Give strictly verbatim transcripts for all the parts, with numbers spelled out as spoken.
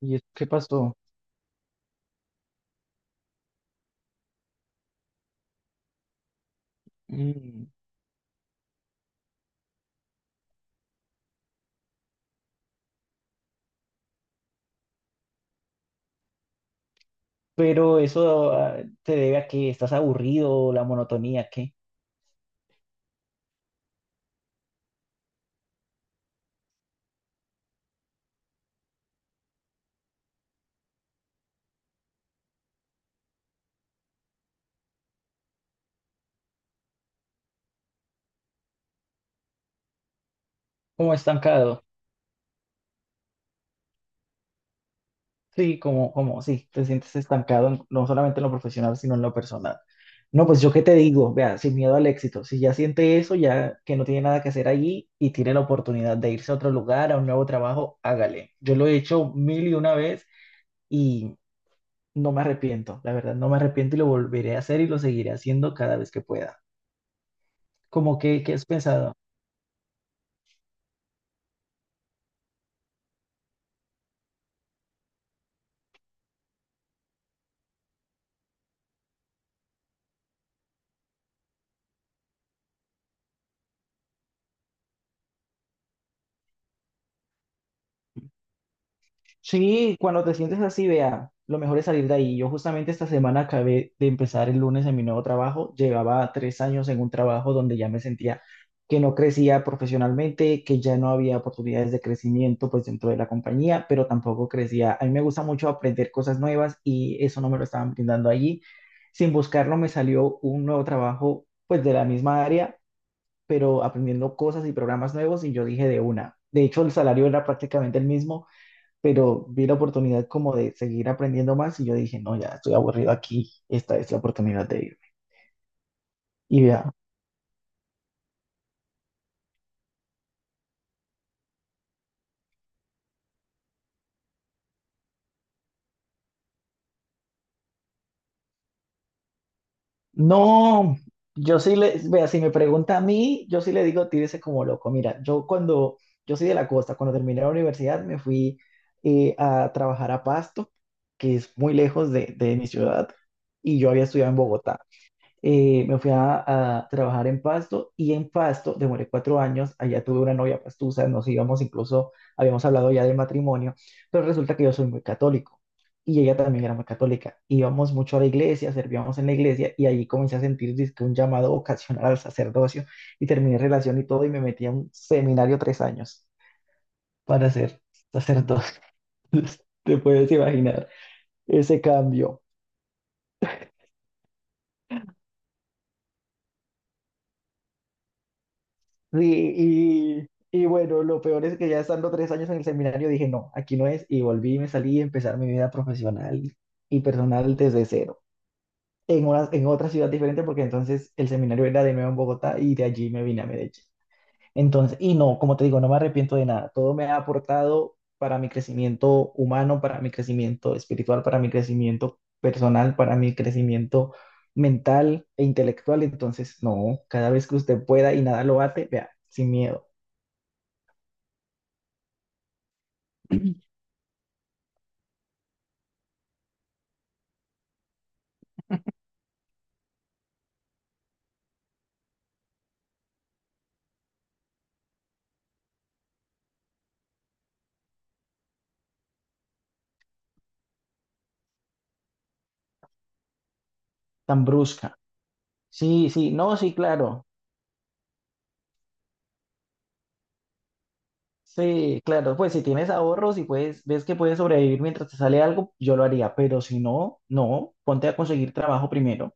¿Y eso qué pasó? Mm, Pero eso ah, te debe a que estás aburrido, la monotonía, ¿qué? Como estancado. Sí, como, como, sí, te sientes estancado en- no solamente en lo profesional, sino en lo personal. No, pues yo qué te digo, vea, sin miedo al éxito. Si ya siente eso, ya que no tiene nada que hacer allí y tiene la oportunidad de irse a otro lugar, a un nuevo trabajo, hágale. Yo lo he hecho mil y una vez y no me arrepiento, la verdad, no me arrepiento y lo volveré a hacer y lo seguiré haciendo cada vez que pueda. ¿Cómo que, qué has pensado? Sí, cuando te sientes así, vea, lo mejor es salir de ahí. Yo justamente esta semana acabé de empezar el lunes en mi nuevo trabajo. Llevaba tres años en un trabajo donde ya me sentía que no crecía profesionalmente, que ya no había oportunidades de crecimiento pues dentro de la compañía, pero tampoco crecía. A mí me gusta mucho aprender cosas nuevas y eso no me lo estaban brindando allí. Sin buscarlo me salió un nuevo trabajo pues de la misma área, pero aprendiendo cosas y programas nuevos y yo dije de una. De hecho, el salario era prácticamente el mismo, pero vi la oportunidad como de seguir aprendiendo más y yo dije, no, ya estoy aburrido aquí, esta es la oportunidad de irme. Y vea, no, yo sí le, vea, si me pregunta a mí, yo sí le digo, tírese como loco. Mira, yo cuando, yo soy de la costa, cuando terminé la universidad me fui eh, a trabajar a Pasto, que es muy lejos de, de mi ciudad, y yo había estudiado en Bogotá. Eh, me fui a, a trabajar en Pasto y en Pasto demoré cuatro años, allá tuve una novia pastusa, nos íbamos incluso, habíamos hablado ya del matrimonio, pero resulta que yo soy muy católico y ella también era muy católica. Íbamos mucho a la iglesia, servíamos en la iglesia y allí comencé a sentir dizque, un llamado vocacional al sacerdocio y terminé relación y todo y me metí a un seminario tres años para ser sacerdote. Te puedes imaginar ese cambio. Sí, y, y bueno, lo peor es que ya estando tres años en el seminario dije, no, aquí no es, y volví, y me salí a empezar mi vida profesional y personal desde cero, en una, en otra ciudad diferente, porque entonces el seminario era de nuevo en Bogotá y de allí me vine a Medellín. Entonces, y no, como te digo, no me arrepiento de nada, todo me ha aportado para mi crecimiento humano, para mi crecimiento espiritual, para mi crecimiento personal, para mi crecimiento mental e intelectual. Entonces, no, cada vez que usted pueda y nada lo bate, vea, sin miedo. Tan brusca. Sí, sí, no, sí, claro. Sí, claro, pues si tienes ahorros y puedes, ves que puedes sobrevivir mientras te sale algo, yo lo haría, pero si no, no, ponte a conseguir trabajo primero,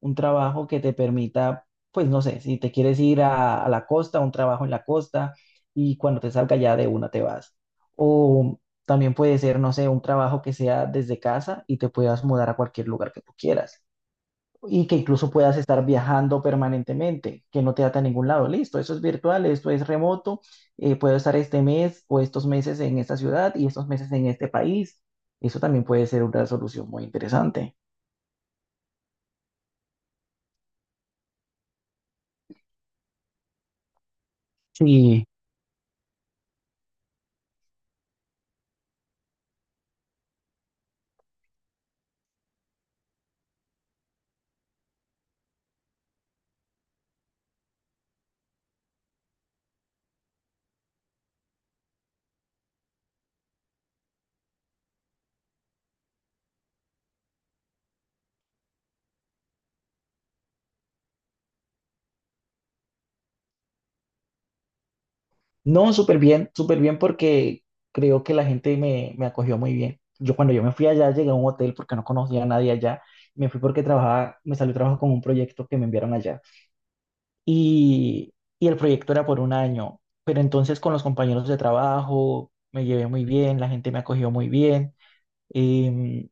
un trabajo que te permita, pues no sé, si te quieres ir a, a la costa, un trabajo en la costa y cuando te salga ya de una te vas. O también puede ser, no sé, un trabajo que sea desde casa y te puedas mudar a cualquier lugar que tú quieras. Y que incluso puedas estar viajando permanentemente, que no te ata a ningún lado. Listo, eso es virtual, esto es remoto, eh, puedo estar este mes o estos meses en esta ciudad y estos meses en este país. Eso también puede ser una solución muy interesante. Sí, no, súper bien, súper bien porque creo que la gente me, me acogió muy bien. Yo cuando yo me fui allá, llegué a un hotel porque no conocía a nadie allá. Me fui porque trabajaba, me salió trabajo con un proyecto que me enviaron allá. y, y el proyecto era por un año, pero entonces con los compañeros de trabajo me llevé muy bien, la gente me acogió muy bien, em,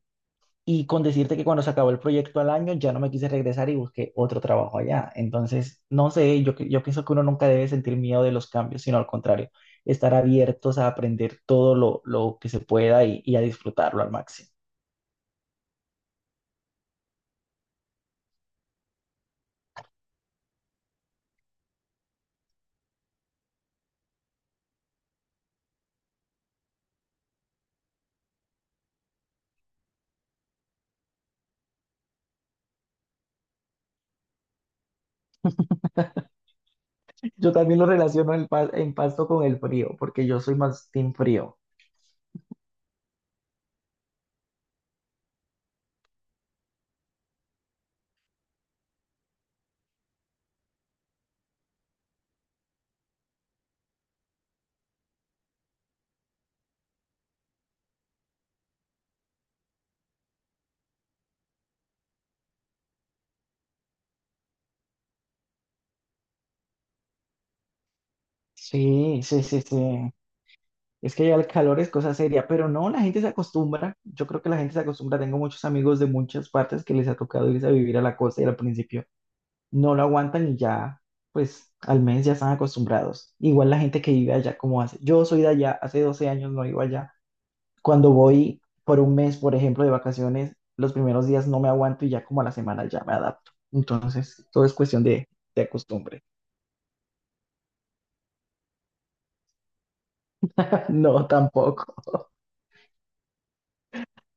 y con decirte que cuando se acabó el proyecto al año ya no me quise regresar y busqué otro trabajo allá. Entonces, no sé, yo, yo pienso que uno nunca debe sentir miedo de los cambios, sino al contrario, estar abiertos a aprender todo lo, lo que se pueda y, y a disfrutarlo al máximo. Yo también lo relaciono el pas- en Pasto con el frío, porque yo soy más team frío. Sí, sí, sí, sí. Es que ya el calor es cosa seria, pero no, la gente se acostumbra. Yo creo que la gente se acostumbra. Tengo muchos amigos de muchas partes que les ha tocado irse a vivir a la costa y al principio no lo aguantan y ya, pues al mes ya están acostumbrados. Igual la gente que vive allá como hace. Yo soy de allá, hace doce años no iba allá. Cuando voy por un mes, por ejemplo, de vacaciones, los primeros días no me aguanto y ya como a la semana ya me adapto. Entonces, todo es cuestión de, de costumbre. No, tampoco.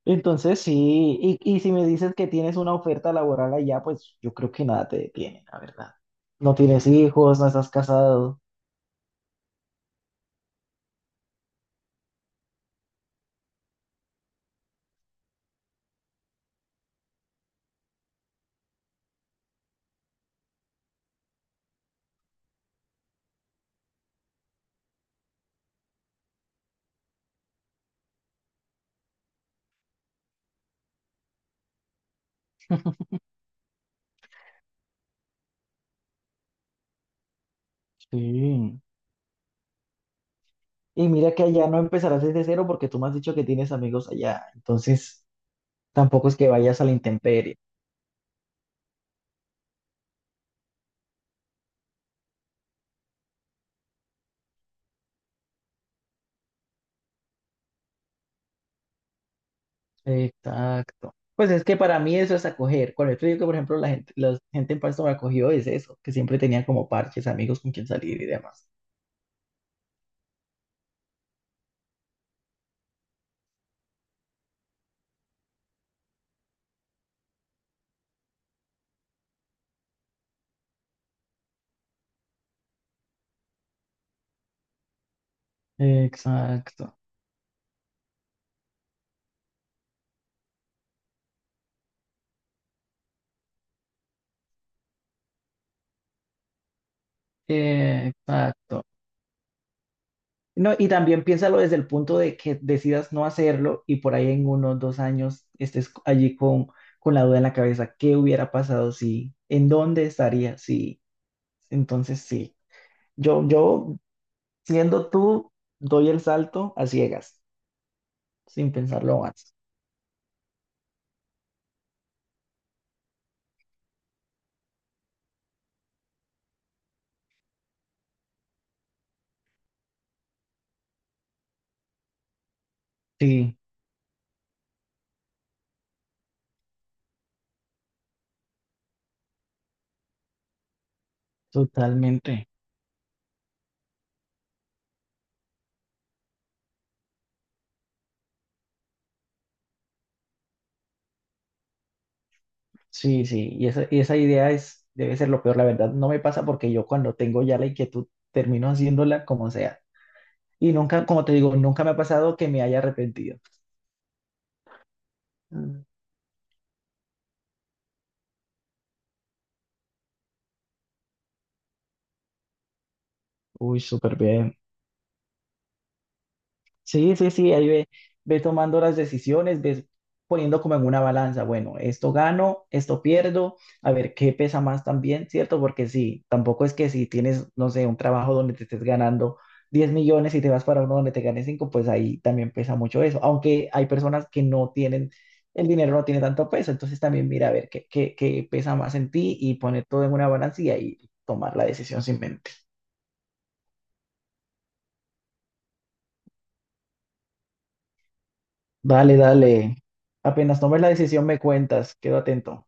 Entonces, sí, y, y si me dices que tienes una oferta laboral allá, pues yo creo que nada te detiene, la verdad. No tienes hijos, no estás casado. Sí. Y mira que allá no empezarás desde cero porque tú me has dicho que tienes amigos allá. Entonces, tampoco es que vayas a la intemperie. Exacto. Pues es que para mí eso es acoger. Con esto digo que, por ejemplo, la gente, la gente en Pasto me acogió es eso, que siempre tenía como parches, amigos con quien salir y demás. Exacto. Exacto. No, y también piénsalo desde el punto de que decidas no hacerlo y por ahí en unos dos años estés allí con, con la duda en la cabeza, ¿qué hubiera pasado si, en dónde estaría si? Entonces sí, yo, yo siendo tú, doy el salto a ciegas, sin pensarlo más. Sí, totalmente. Sí, sí, y esa, y esa idea es, debe ser lo peor, la verdad, no me pasa porque yo cuando tengo ya la inquietud termino haciéndola como sea. Y nunca, como te digo, nunca me ha pasado que me haya arrepentido. Uy, súper bien. Sí, sí, sí, ahí ve, ve tomando las decisiones, ves poniendo como en una balanza, bueno, esto gano, esto pierdo, a ver qué pesa más también, ¿cierto? Porque sí, tampoco es que si tienes, no sé, un trabajo donde te estés ganando diez millones y te vas para uno donde te ganes cinco, pues ahí también pesa mucho eso, aunque hay personas que no tienen, el dinero no tiene tanto peso, entonces también mira a ver qué, qué, qué pesa más en ti y poner todo en una balanza y ahí tomar la decisión sin. Dale, dale. Apenas tomes la decisión, me cuentas. Quedo atento.